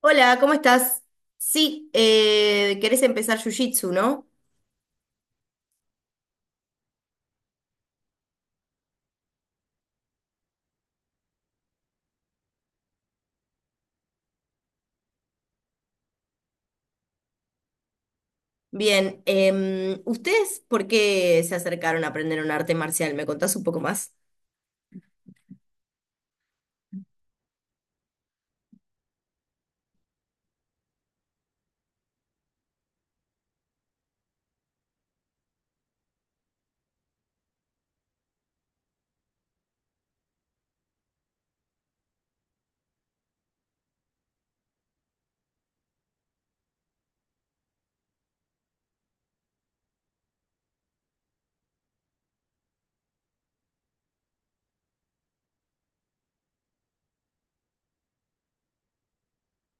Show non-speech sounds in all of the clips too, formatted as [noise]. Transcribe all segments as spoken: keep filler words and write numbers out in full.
Hola, ¿cómo estás? Sí, eh, querés empezar Jiu-Jitsu, ¿no? Bien, em, ¿ustedes por qué se acercaron a aprender un arte marcial? ¿Me contás un poco más?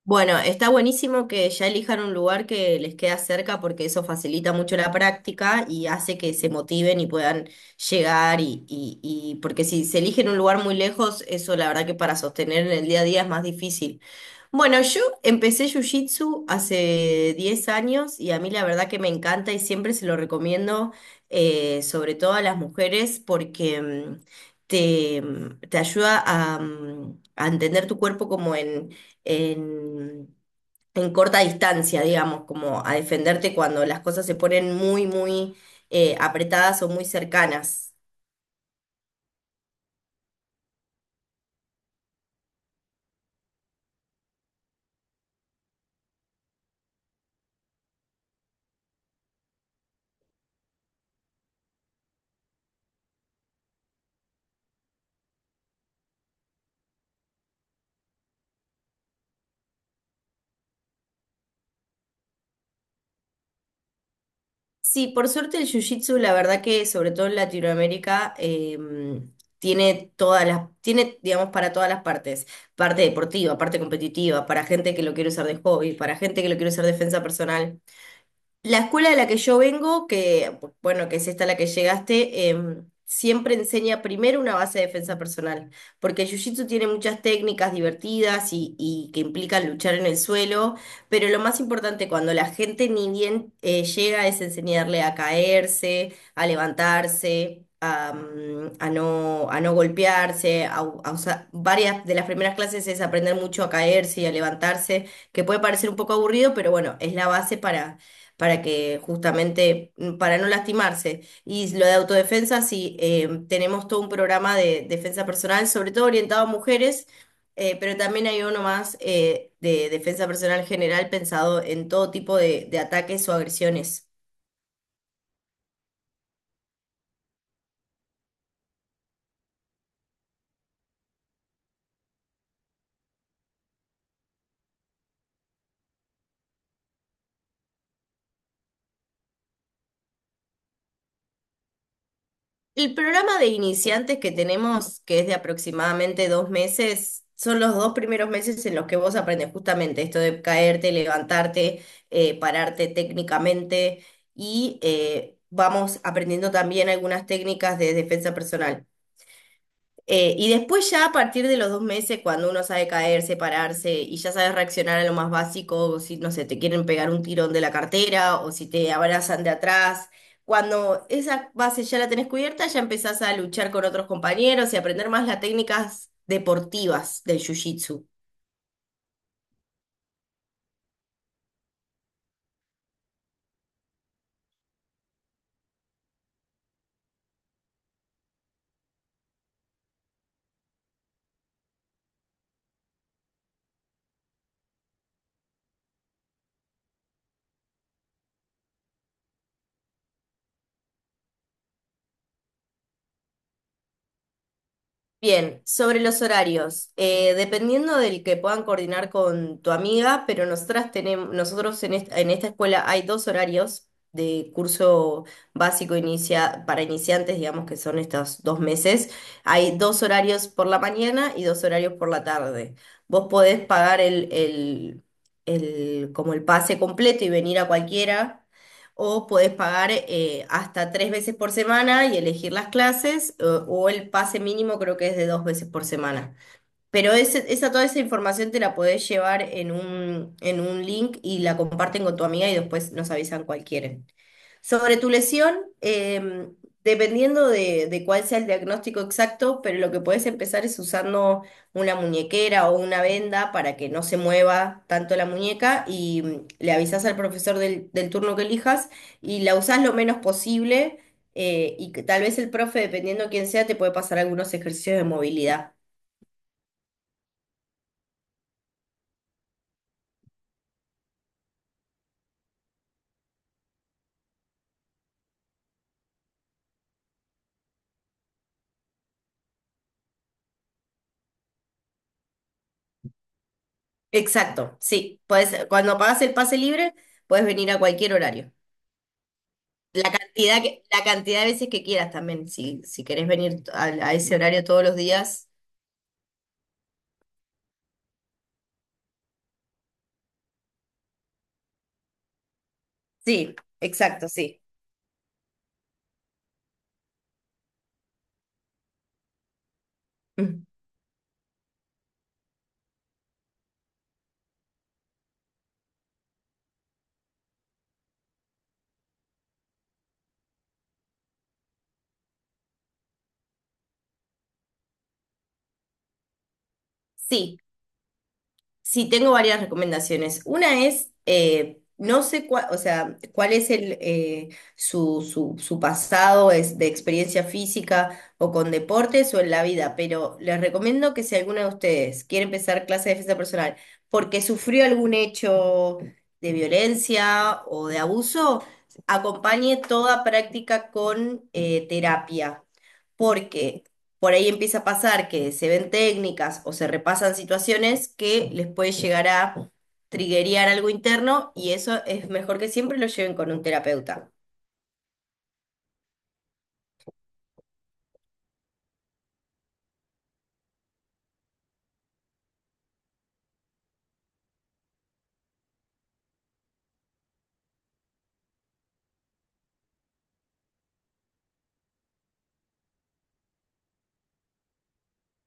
Bueno, está buenísimo que ya elijan un lugar que les queda cerca porque eso facilita mucho la práctica y hace que se motiven y puedan llegar y, y, y porque si se eligen un lugar muy lejos, eso la verdad que para sostener en el día a día es más difícil. Bueno, yo empecé Jiu-Jitsu hace diez años y a mí la verdad que me encanta y siempre se lo recomiendo, eh, sobre todo a las mujeres, porque mm, te, mm, te ayuda a, mm, a entender tu cuerpo como en en, en corta distancia, digamos, como a defenderte cuando las cosas se ponen muy, muy eh, apretadas o muy cercanas. Sí, por suerte el jiu-jitsu, la verdad que sobre todo en Latinoamérica, em, tiene todas las, tiene, digamos, para todas las partes, parte deportiva, parte competitiva, para gente que lo quiere usar de hobby, para gente que lo quiere usar de defensa personal. La escuela de la que yo vengo, que bueno, que es esta a la que llegaste, em, siempre enseña primero una base de defensa personal, porque el jiu-jitsu tiene muchas técnicas divertidas y, y que implican luchar en el suelo, pero lo más importante cuando la gente ni bien eh, llega es enseñarle a caerse, a levantarse, a, mm, a no, a no golpearse, a u- a usar- varias de las primeras clases es aprender mucho a caerse y a levantarse, que puede parecer un poco aburrido, pero bueno, es la base para para que justamente, mm, para no lastimarse. Y lo de autodefensa, sí, eh, tenemos todo un programa de defensa personal, sobre todo orientado a mujeres, eh, pero también hay uno más eh, de defensa personal general pensado en todo tipo de de ataques o agresiones. El programa de iniciantes que tenemos, que es de aproximadamente dos meses, son los dos primeros meses en los que vos aprendes justamente esto de caerte, levantarte, eh, pararte técnicamente y eh, vamos aprendiendo también algunas técnicas de defensa personal. Eh, y después ya a partir de los dos meses, cuando uno sabe caerse, pararse y ya sabes reaccionar a lo más básico, o si, no sé, te quieren pegar un tirón de la cartera o si te abrazan de atrás, cuando esa base ya la tenés cubierta, ya empezás a luchar con otros compañeros y aprender más las técnicas deportivas del jiu-jitsu. Bien, sobre los horarios, eh, dependiendo del que puedan coordinar con tu amiga, pero nosotras tenemos, nosotros en esta, en esta escuela hay dos horarios de curso básico inicia, para iniciantes, digamos que son estos dos meses. Hay dos horarios por la mañana y dos horarios por la tarde. Vos podés pagar el, el, el, como el pase completo y venir a cualquiera. O podés pagar eh, hasta tres veces por semana y elegir las clases, o, o el pase mínimo creo que es de dos veces por semana. Pero ese- esa, toda esa información te la podés llevar en un, en un link y la comparten con tu amiga y después nos avisan cualquiera. Sobre tu lesión, em, dependiendo de, de cuál sea el diagnóstico exacto, pero lo que puedes empezar es usando una muñequera o una venda para que no se mueva tanto la muñeca y mm, le avisas al profesor del, del turno que elijas y la usás lo menos posible eh, y que tal vez el profe, dependiendo quién sea, te puede pasar algunos ejercicios de movilidad. Exacto, sí. Podés- cuando pagas el pase libre, puedes venir a cualquier horario. La cantidad que, la cantidad de veces que quieras también, si, si querés venir a, a ese horario todos los días. Sí, exacto, sí. Mm. Sí, Sí, tengo varias recomendaciones. Una es, eh, no sé cuál, o sea, cuál es el, eh, su, su, su pasado es de experiencia física o con deportes o en la vida, pero les recomiendo que si alguno de ustedes quiere empezar clase de defensa personal porque sufrió algún hecho de violencia o de abuso, acompañe toda práctica con eh, terapia. Porque por ahí empieza a pasar que se ven técnicas o se repasan situaciones que les puede llegar a triguear algo interno y eso es mejor que siempre lo lleven con un terapeuta.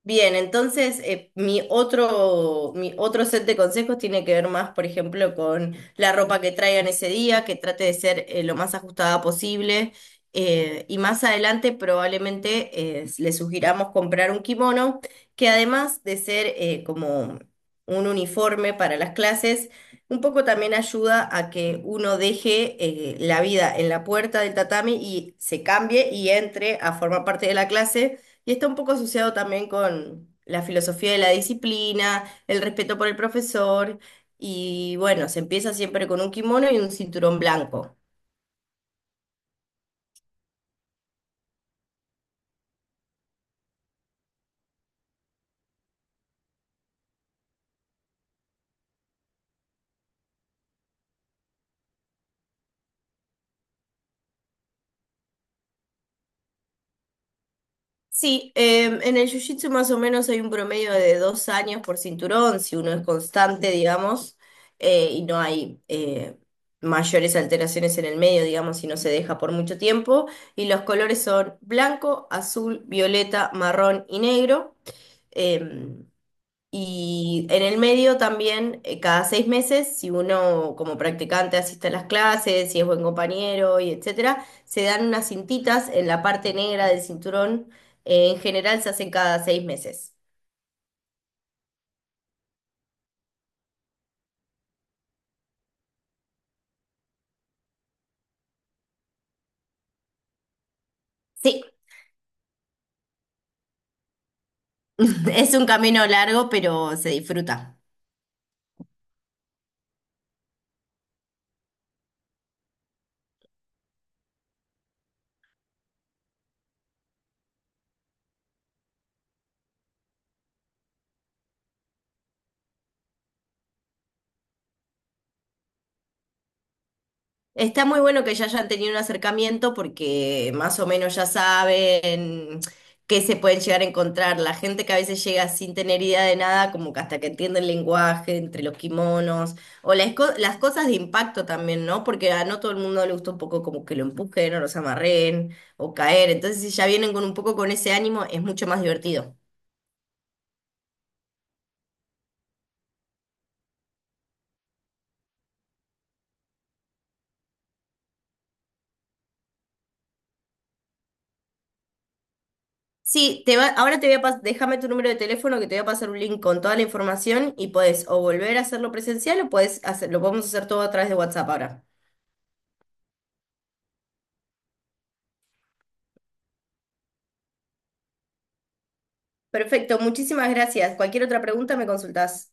Bien, entonces eh, mi otro, mi otro set de consejos tiene que ver más, por ejemplo, con la ropa que traigan ese día, que trate de ser eh, lo más ajustada posible. eh, y más adelante probablemente eh, le sugiramos comprar un kimono, que además de ser eh, como un uniforme para las clases, un poco también ayuda a que uno deje eh, la vida en la puerta del tatami y se cambie y entre a formar parte de la clase y está un poco asociado también con la filosofía de la disciplina, el respeto por el profesor, y bueno, se empieza siempre con un kimono y un cinturón blanco. Sí, em, en el jiu-jitsu más o menos hay un promedio de dos años por cinturón, si uno es constante, digamos, eh, y no hay eh, mayores alteraciones en el medio, digamos, si no se deja por mucho tiempo. Y los colores son blanco, azul, violeta, marrón y negro. Em, Y en el medio también, eh, cada seis meses, si uno como practicante asiste a las clases, si es buen compañero y etcétera, se dan unas cintitas en la parte negra del cinturón. Eh, en general se hacen cada seis meses. Sí, [laughs] es un camino largo, pero se disfruta. Está muy bueno que ya hayan tenido un acercamiento porque más o menos ya saben qué se pueden llegar a encontrar. La gente que a veces llega sin tener idea de nada, como que hasta que entiende el lenguaje entre los kimonos o las, co- las cosas de impacto también, ¿no? Porque a no todo el mundo le gusta un poco como que lo empujen o los amarren o caer. Entonces, si ya vienen con un poco con ese ánimo, es mucho más divertido. Sí, te va, ahora te voy a pasar, déjame tu número de teléfono que te voy a pasar un link con toda la información y podés o volver a hacerlo presencial o podés hacer, lo podemos hacer todo a través de WhatsApp ahora. Perfecto, muchísimas gracias. Cualquier otra pregunta me consultás.